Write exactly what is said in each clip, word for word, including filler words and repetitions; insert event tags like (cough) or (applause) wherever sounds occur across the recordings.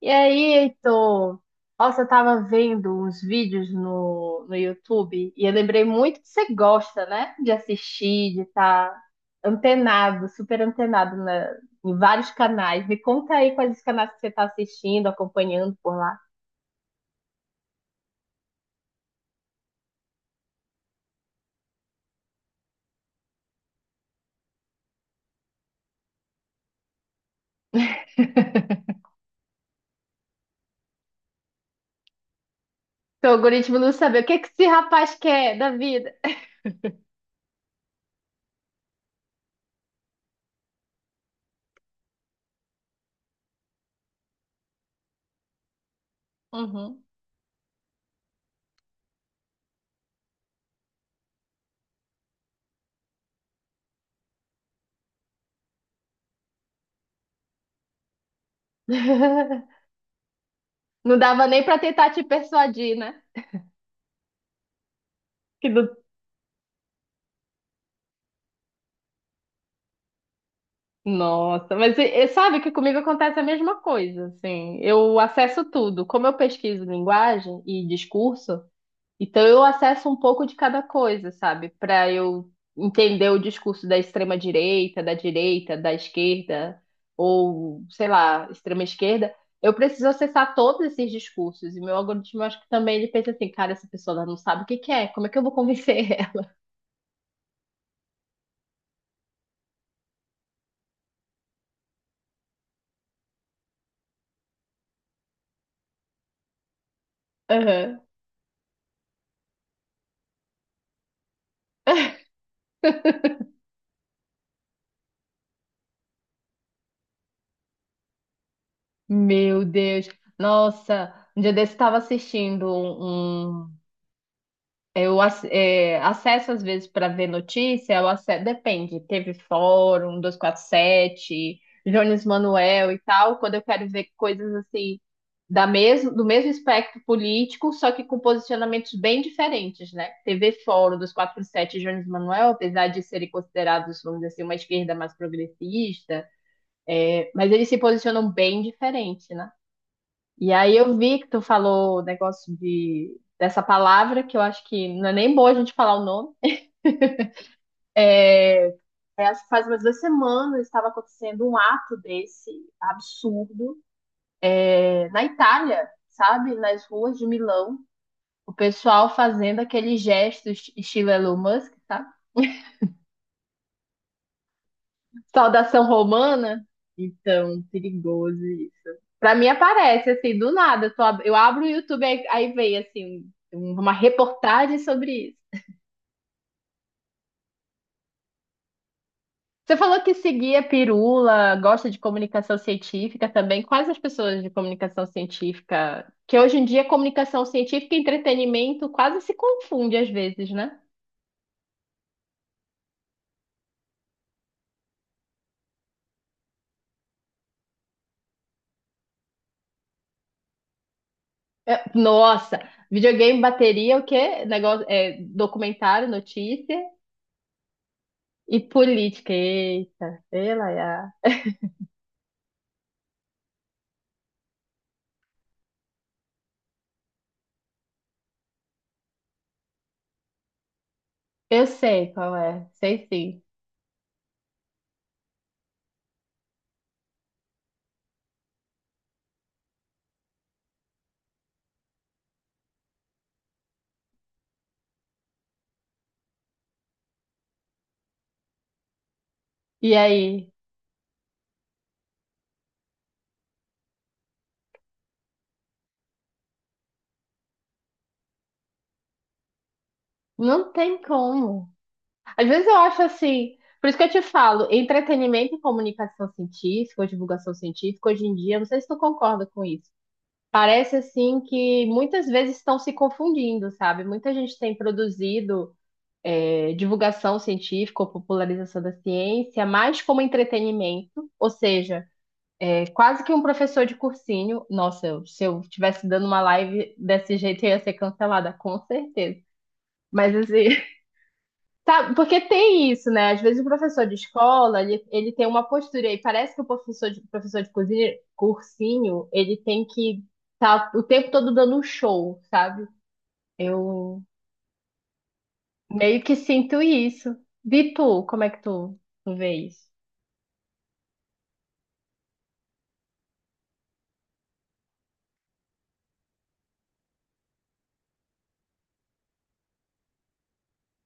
E aí, Heitor? Nossa, eu tava vendo uns vídeos no, no YouTube e eu lembrei muito que você gosta, né? De assistir, de estar antenado, super antenado na- em vários canais. Me conta aí quais os canais que você tá assistindo, acompanhando por lá. (laughs) Seu algoritmo não sabe o que que esse rapaz quer da vida. Uhum. (laughs) Não dava nem pra tentar te persuadir, né? Que não. Nossa, mas e- e sabe que comigo acontece a mesma coisa, assim. Eu acesso tudo. Como eu pesquiso linguagem e discurso, então eu acesso um pouco de cada coisa, sabe? Para eu entender o discurso da extrema direita, da direita, da esquerda, ou, sei lá, extrema esquerda, eu preciso acessar todos esses discursos. E meu algoritmo, eu acho que também ele pensa assim, cara, essa pessoa ela não sabe o que que é, como é que eu vou convencer ela? (laughs) Aham. Meu Deus. Nossa, um dia desse eu estava assistindo um. um, Eu ac- é, acesso às vezes para ver notícia, eu ace- depende, teve Fórum dois quatro sete, Jones Manuel e tal, quando eu quero ver coisas assim da mesmo, do mesmo espectro político, só que com posicionamentos bem diferentes, né? T V Fórum duzentos e quarenta e sete e Jones Manuel, apesar de serem considerados, vamos dizer assim, uma esquerda mais progressista, mas eles se posicionam bem diferente, né? E aí eu vi que tu falou o negócio de, dessa palavra, que eu acho que não é nem boa a gente falar o nome. É, acho que faz umas duas semanas estava acontecendo um ato desse absurdo, é, na Itália, sabe? Nas ruas de Milão. O pessoal fazendo aqueles gestos estilo Elon Musk, sabe? Saudação romana. Então, perigoso isso. Pra mim aparece, assim, do nada. Eu, tô ab- eu abro o YouTube, aí, aí vem, assim, um- uma reportagem sobre isso. Você falou que seguia pirula, gosta de comunicação científica também. Quais as pessoas de comunicação científica? Que hoje em dia comunicação científica e entretenimento quase se confunde às vezes, né? É, nossa, videogame, bateria, o quê? Negócio, é, documentário, notícia e política. Eita, sei lá. Eu sei qual é, sei sim. E aí? Não tem como. Às vezes eu acho assim, por isso que eu te falo, entretenimento e comunicação científica, ou divulgação científica, hoje em dia, eu não sei se tu concorda com isso. Parece assim que muitas vezes estão se confundindo, sabe? Muita gente tem produzido eh, divulgação científica ou popularização da ciência mais como entretenimento, ou seja, é quase que um professor de cursinho. Nossa, eu- se eu estivesse dando uma live desse jeito, eu ia ser cancelada, com certeza. Mas assim, tá, porque tem isso, né? Às vezes o professor de escola, ele, ele tem uma postura e parece que o professor de, professor de cozinha, cursinho, ele tem que estar tá o tempo todo dando um show, sabe? Eu meio que sinto isso. E tu, como é que tu, tu vê isso?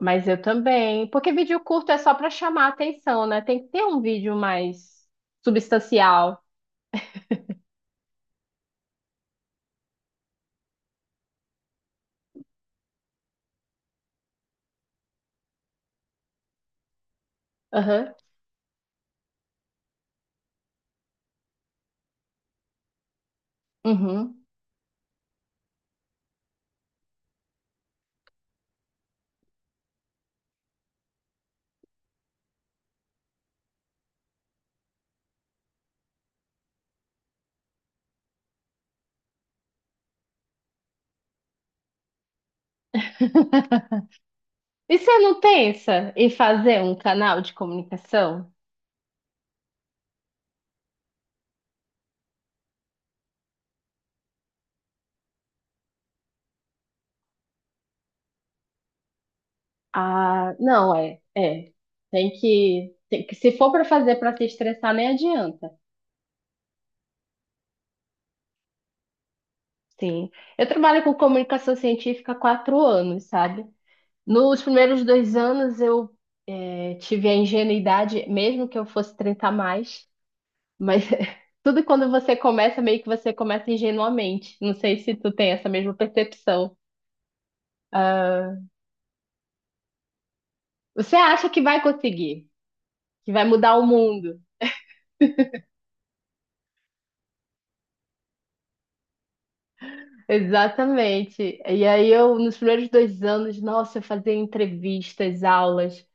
Mas eu também. Porque vídeo curto é só pra chamar a atenção, né? Tem que ter um vídeo mais substancial. Aham. Uhum. (laughs) E você não pensa em fazer um canal de comunicação? Ah, não, é, é. Tem que, tem que- se for para fazer para se estressar, nem adianta. Sim. Eu trabalho com comunicação científica há quatro anos, sabe? Nos primeiros dois anos eu eh, tive a ingenuidade, mesmo que eu fosse trinta a mais, mas (laughs) tudo quando você começa, meio que você começa ingenuamente. Não sei se tu tem essa mesma percepção. Você acha que vai conseguir, que vai mudar o mundo. Exatamente. E aí eu, nos primeiros dois anos, nossa, eu fazia entrevistas, aulas,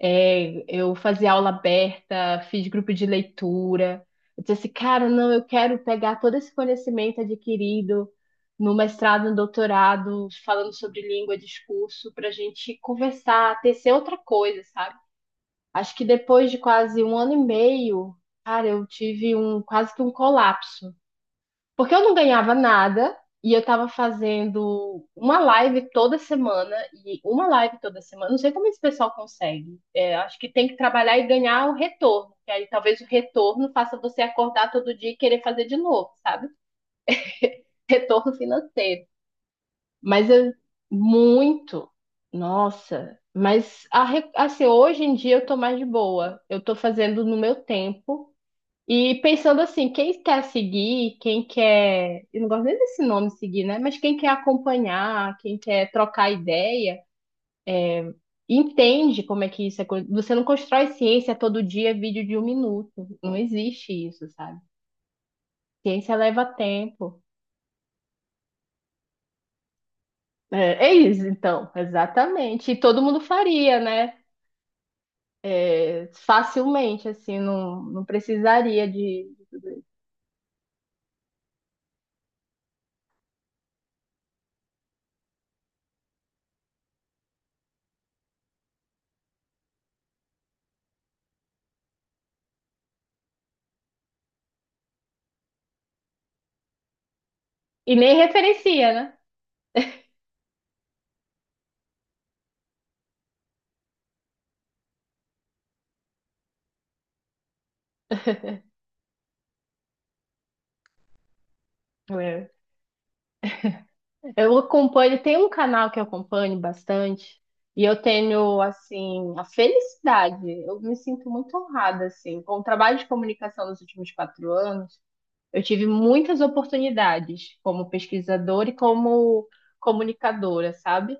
é, eu fazia aula aberta, fiz grupo de leitura. Eu disse assim, cara, não, eu quero pegar todo esse conhecimento adquirido no mestrado, no doutorado, falando sobre língua, discurso, para a gente conversar, tecer outra coisa, sabe? Acho que depois de quase um ano e meio, cara, eu tive um quase que um colapso. Porque eu não ganhava nada e eu tava fazendo uma live toda semana e uma live toda semana. Não sei como esse pessoal consegue. É, acho que tem que trabalhar e ganhar o retorno. Que aí talvez o retorno faça você acordar todo dia e querer fazer de novo, sabe? (laughs) Retorno financeiro. Mas eu muito. Nossa, mas a re- assim, hoje em dia eu tô mais de boa. Eu tô fazendo no meu tempo. E pensando assim, quem quer seguir, quem quer, eu não gosto nem desse nome seguir, né? Mas quem quer acompanhar, quem quer trocar ideia, entende como é que isso é. co- Você não constrói ciência todo dia, vídeo de um minuto. Não existe isso, sabe? Ciência leva tempo. É, é isso, então, exatamente. E todo mundo faria, né? É, facilmente, assim, não, não precisaria de. E nem referencia, né? É. Eu acompanho, tem um canal que eu acompanho bastante, e eu tenho, assim, a felicidade, eu me sinto muito honrada, assim, com o trabalho de comunicação nos últimos quatro anos, eu tive muitas oportunidades como pesquisadora e como comunicadora, sabe?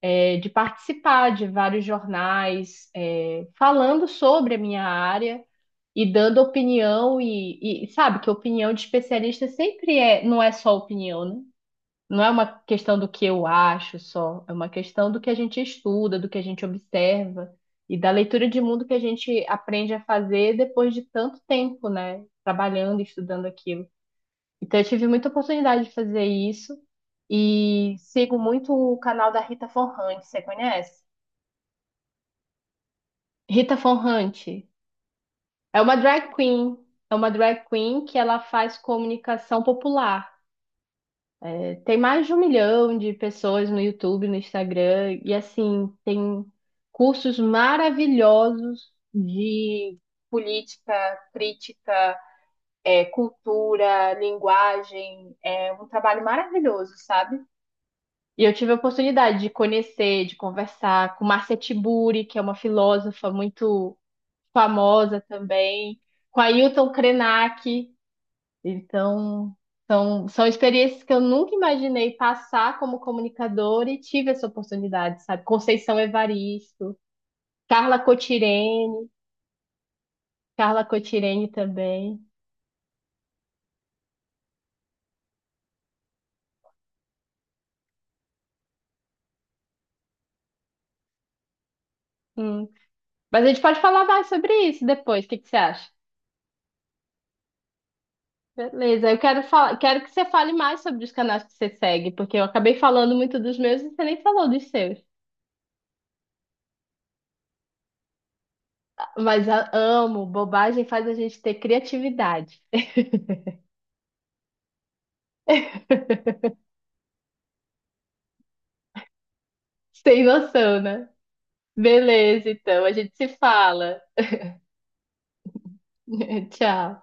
É, de participar de vários jornais, é, falando sobre a minha área e dando opinião, e, e sabe que opinião de especialista sempre é, não é só opinião, né? Não é uma questão do que eu acho só, é uma questão do que a gente estuda, do que a gente observa e da leitura de mundo que a gente aprende a fazer depois de tanto tempo, né? Trabalhando, e estudando aquilo. Então, eu tive muita oportunidade de fazer isso e sigo muito o canal da Rita Von Hunt, você conhece? Rita Von Hunt é uma drag queen, é uma drag queen que ela faz comunicação popular. Tem mais de um milhão de pessoas no YouTube, no Instagram, e assim, tem cursos maravilhosos de política, crítica, é, cultura, linguagem. É um trabalho maravilhoso, sabe? E eu tive a oportunidade de conhecer, de conversar com Marcia Tiburi, que é uma filósofa muito famosa também, com Ailton Krenak. Então, são, são experiências que eu nunca imaginei passar como comunicadora e tive essa oportunidade, sabe? Conceição Evaristo, Carla Cotirene, Carla Cotirene também. Hum. Mas a gente pode falar mais sobre isso depois, o que que você acha? Beleza, eu quero falar, quero que você fale mais sobre os canais que você segue, porque eu acabei falando muito dos meus e você nem falou dos seus. Mas a- amo, bobagem faz a gente ter criatividade. (laughs) Sem noção, né? Beleza, então, a gente se fala. (laughs) Tchau.